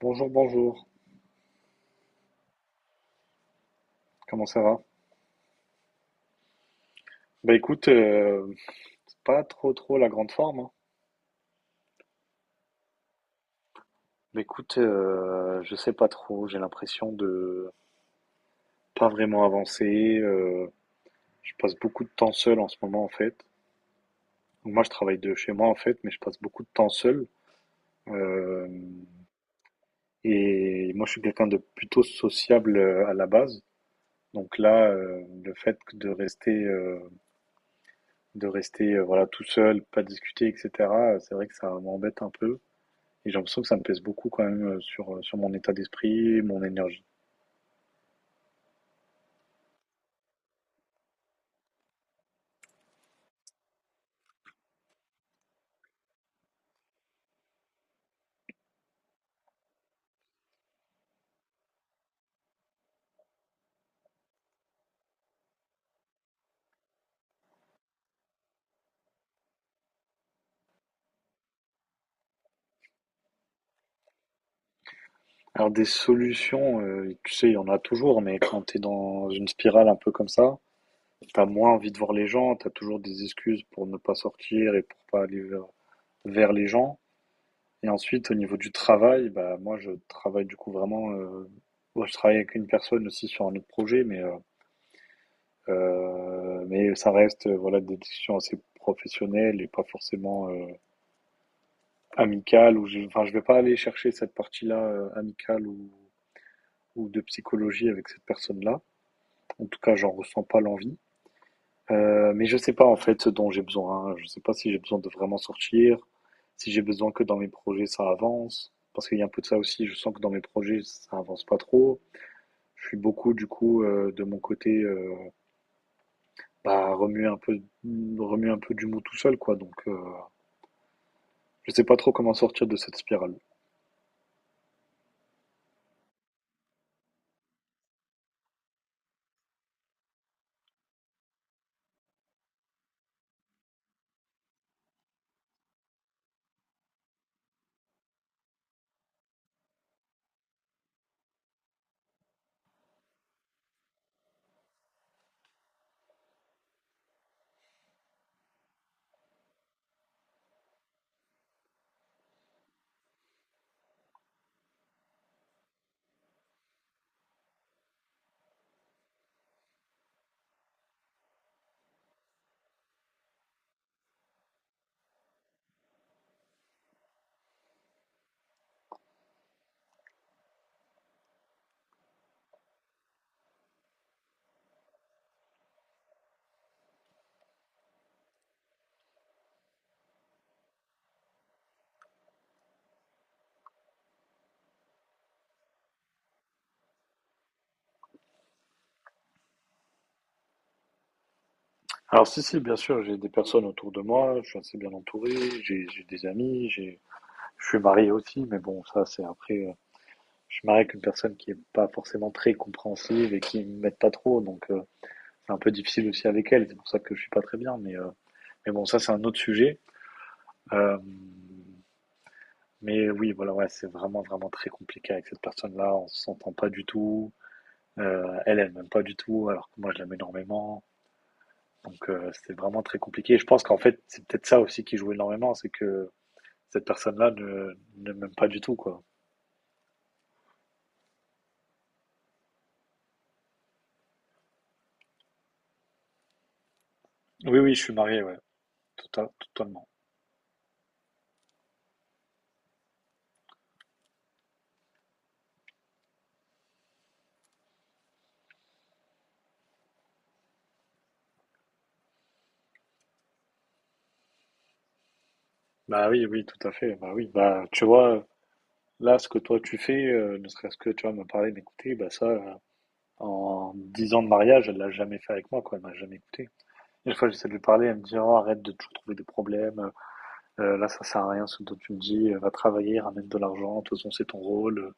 Bonjour, bonjour. Comment ça va? Bah écoute, c'est pas trop trop la grande forme, hein. Bah écoute, je sais pas trop. J'ai l'impression de pas vraiment avancer. Je passe beaucoup de temps seul en ce moment en fait. Donc moi je travaille de chez moi en fait, mais je passe beaucoup de temps seul. Euh, et moi je suis quelqu'un de plutôt sociable à la base. Donc là, le fait que de rester voilà tout seul, pas discuter, etc. C'est vrai que ça m'embête un peu. Et j'ai l'impression que ça me pèse beaucoup quand même sur mon état d'esprit, mon énergie. Alors des solutions, tu sais, il y en a toujours, mais quand t'es dans une spirale un peu comme ça, t'as moins envie de voir les gens, t'as toujours des excuses pour ne pas sortir et pour pas aller vers, vers les gens. Et ensuite, au niveau du travail, bah moi je travaille du coup vraiment, moi, je travaille avec une personne aussi sur un autre projet, mais mais ça reste voilà des discussions assez professionnelles et pas forcément amicale ou enfin, je vais pas aller chercher cette partie-là amicale ou de psychologie avec cette personne-là. En tout cas, j'en ressens pas l'envie. Mais je sais pas en fait ce dont j'ai besoin. Je sais pas si j'ai besoin de vraiment sortir, si j'ai besoin que dans mes projets ça avance. Parce qu'il y a un peu de ça aussi. Je sens que dans mes projets ça avance pas trop. Je suis beaucoup du coup de mon côté bah, remuer un peu du mou tout seul quoi. Donc je sais pas trop comment sortir de cette spirale. Alors si, si, bien sûr, j'ai des personnes autour de moi, je suis assez bien entouré, j'ai des amis, j'ai je suis marié aussi, mais bon, ça c'est après, je suis marié avec une personne qui est pas forcément très compréhensive et qui m'aide pas trop, donc c'est un peu difficile aussi avec elle, c'est pour ça que je suis pas très bien, mais, mais bon, ça c'est un autre sujet. Euh, mais oui, voilà, ouais, c'est vraiment, vraiment très compliqué avec cette personne-là, on s'entend pas du tout, elle, elle m'aime pas du tout, alors que moi je l'aime énormément. Donc c'était vraiment très compliqué. Et je pense qu'en fait, c'est peut-être ça aussi qui joue énormément, c'est que cette personne-là ne m'aime pas du tout, quoi. Oui, oui, je suis marié, ouais, totalement. Bah oui, oui, tout à fait. Bah oui, bah tu vois, là, ce que toi tu fais, ne serait-ce que tu vas me parler, m'écouter, bah ça, en 10 ans de mariage, elle l'a jamais fait avec moi, quoi. Elle m'a jamais écouté. Une fois, j'essaie de lui parler, elle me dit, oh, arrête de toujours trouver des problèmes. Là, ça sert à rien ce dont tu me dis. Va travailler, ramène de l'argent. De toute façon, c'est ton rôle.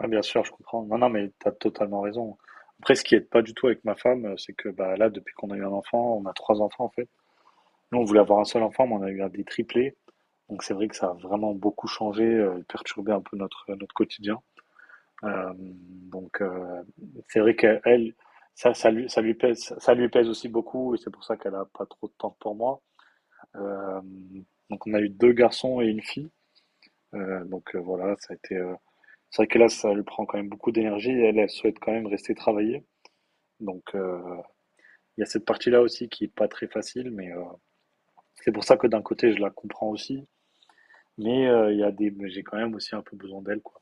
Ouais, bien sûr, je comprends. Non, non, mais tu as totalement raison. Après, ce qui aide pas du tout avec ma femme, c'est que bah, là, depuis qu'on a eu un enfant, on a trois enfants en fait. Nous, on voulait avoir un seul enfant, mais on a eu un des triplés. Donc c'est vrai que ça a vraiment beaucoup changé, perturbé un peu notre quotidien. Euh, donc euh, c'est vrai qu'elle, ça lui pèse aussi beaucoup, et c'est pour ça qu'elle a pas trop de temps pour moi. Euh, donc on a eu deux garçons et une fille. Voilà, ça a été c'est vrai que là, ça lui prend quand même beaucoup d'énergie et elle, elle souhaite quand même rester travailler. Donc, il y a cette partie-là aussi qui est pas très facile, mais c'est pour ça que d'un côté, je la comprends aussi. Mais il y a des, mais j'ai quand même aussi un peu besoin d'elle, quoi.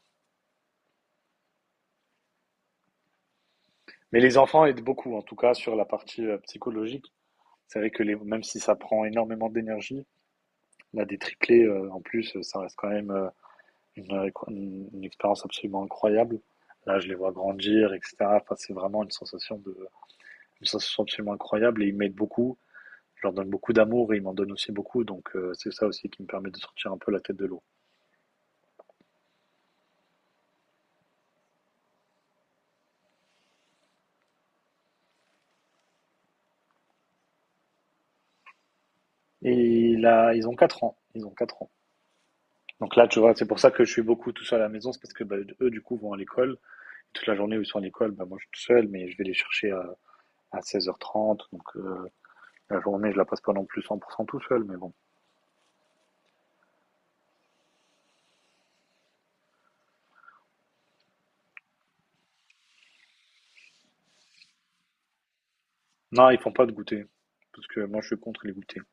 Mais les enfants aident beaucoup, en tout cas, sur la partie psychologique. C'est vrai que les, même si ça prend énormément d'énergie, là, des triplés, en plus, ça reste quand même une, une expérience absolument incroyable. Là, je les vois grandir, etc. Enfin, c'est vraiment une sensation de, une sensation absolument incroyable et ils m'aident beaucoup. Je leur donne beaucoup d'amour et ils m'en donnent aussi beaucoup. Donc c'est ça aussi qui me permet de sortir un peu la tête de l'eau. Et là, ils ont 4 ans. Ils ont 4 ans. Donc là, tu vois, c'est pour ça que je suis beaucoup tout seul à la maison. C'est parce que bah, eux, du coup, vont à l'école. Toute la journée où ils sont à l'école, bah, moi, je suis tout seul, mais je vais les chercher à 16h30. Donc la journée, je la passe pas non plus 100% tout seul. Mais bon. Non, ils font pas de goûter. Parce que moi, je suis contre les goûters.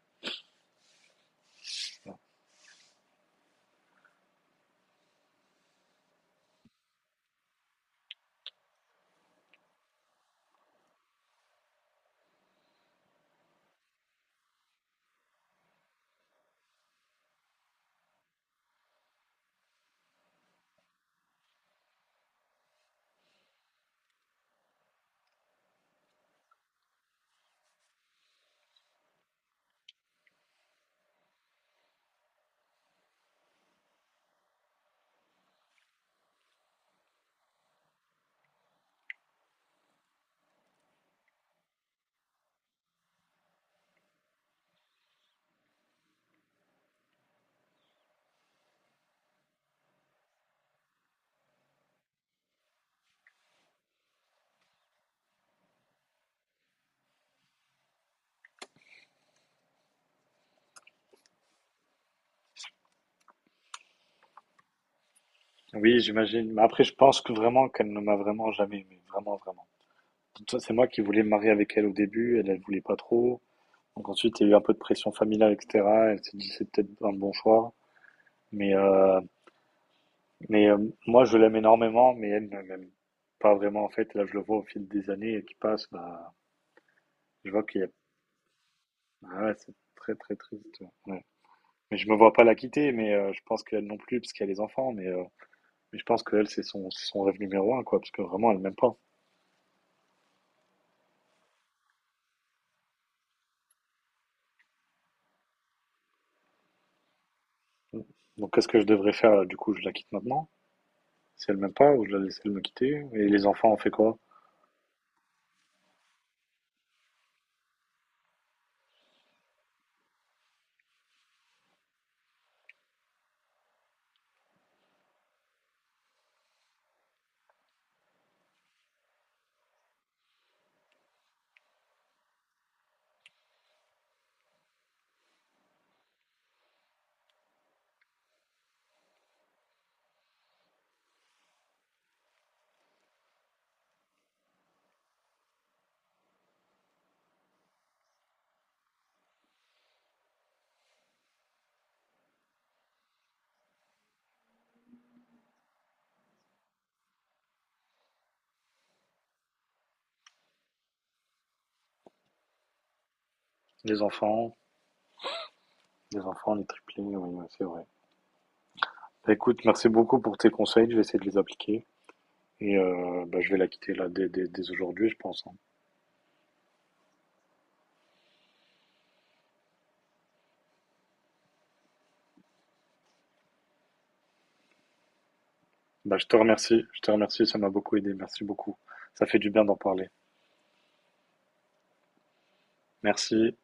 Oui, j'imagine. Mais après, je pense que vraiment qu'elle ne m'a vraiment jamais aimé. Vraiment, vraiment. C'est moi qui voulais me marier avec elle au début. Elle, elle voulait pas trop. Donc ensuite, il y a eu un peu de pression familiale, etc. Elle s'est dit c'est peut-être un bon choix. Mais, euh, mais, moi, je l'aime énormément, mais elle ne m'aime pas vraiment, en fait. Et là, je le vois au fil des années qui passent. Bah, je vois qu'il y a... Ah ouais, c'est très, très triste. Ouais. Mais je me vois pas la quitter, mais je pense qu'elle non plus, parce qu'elle a les enfants. Mais je pense qu'elle, c'est son rêve numéro un, quoi, parce que vraiment, elle m'aime pas. Donc, qu'est-ce que je devrais faire? Là, du coup, je la quitte maintenant, si elle m'aime pas, ou je la laisse elle me quitter. Et les enfants, on fait quoi? Les enfants, les enfants, les triplés, oui, ouais, c'est vrai. Bah, écoute, merci beaucoup pour tes conseils. Je vais essayer de les appliquer. Et bah, je vais la quitter là dès, dès aujourd'hui, je pense, hein. Bah, je te remercie. Je te remercie. Ça m'a beaucoup aidé. Merci beaucoup. Ça fait du bien d'en parler. Merci.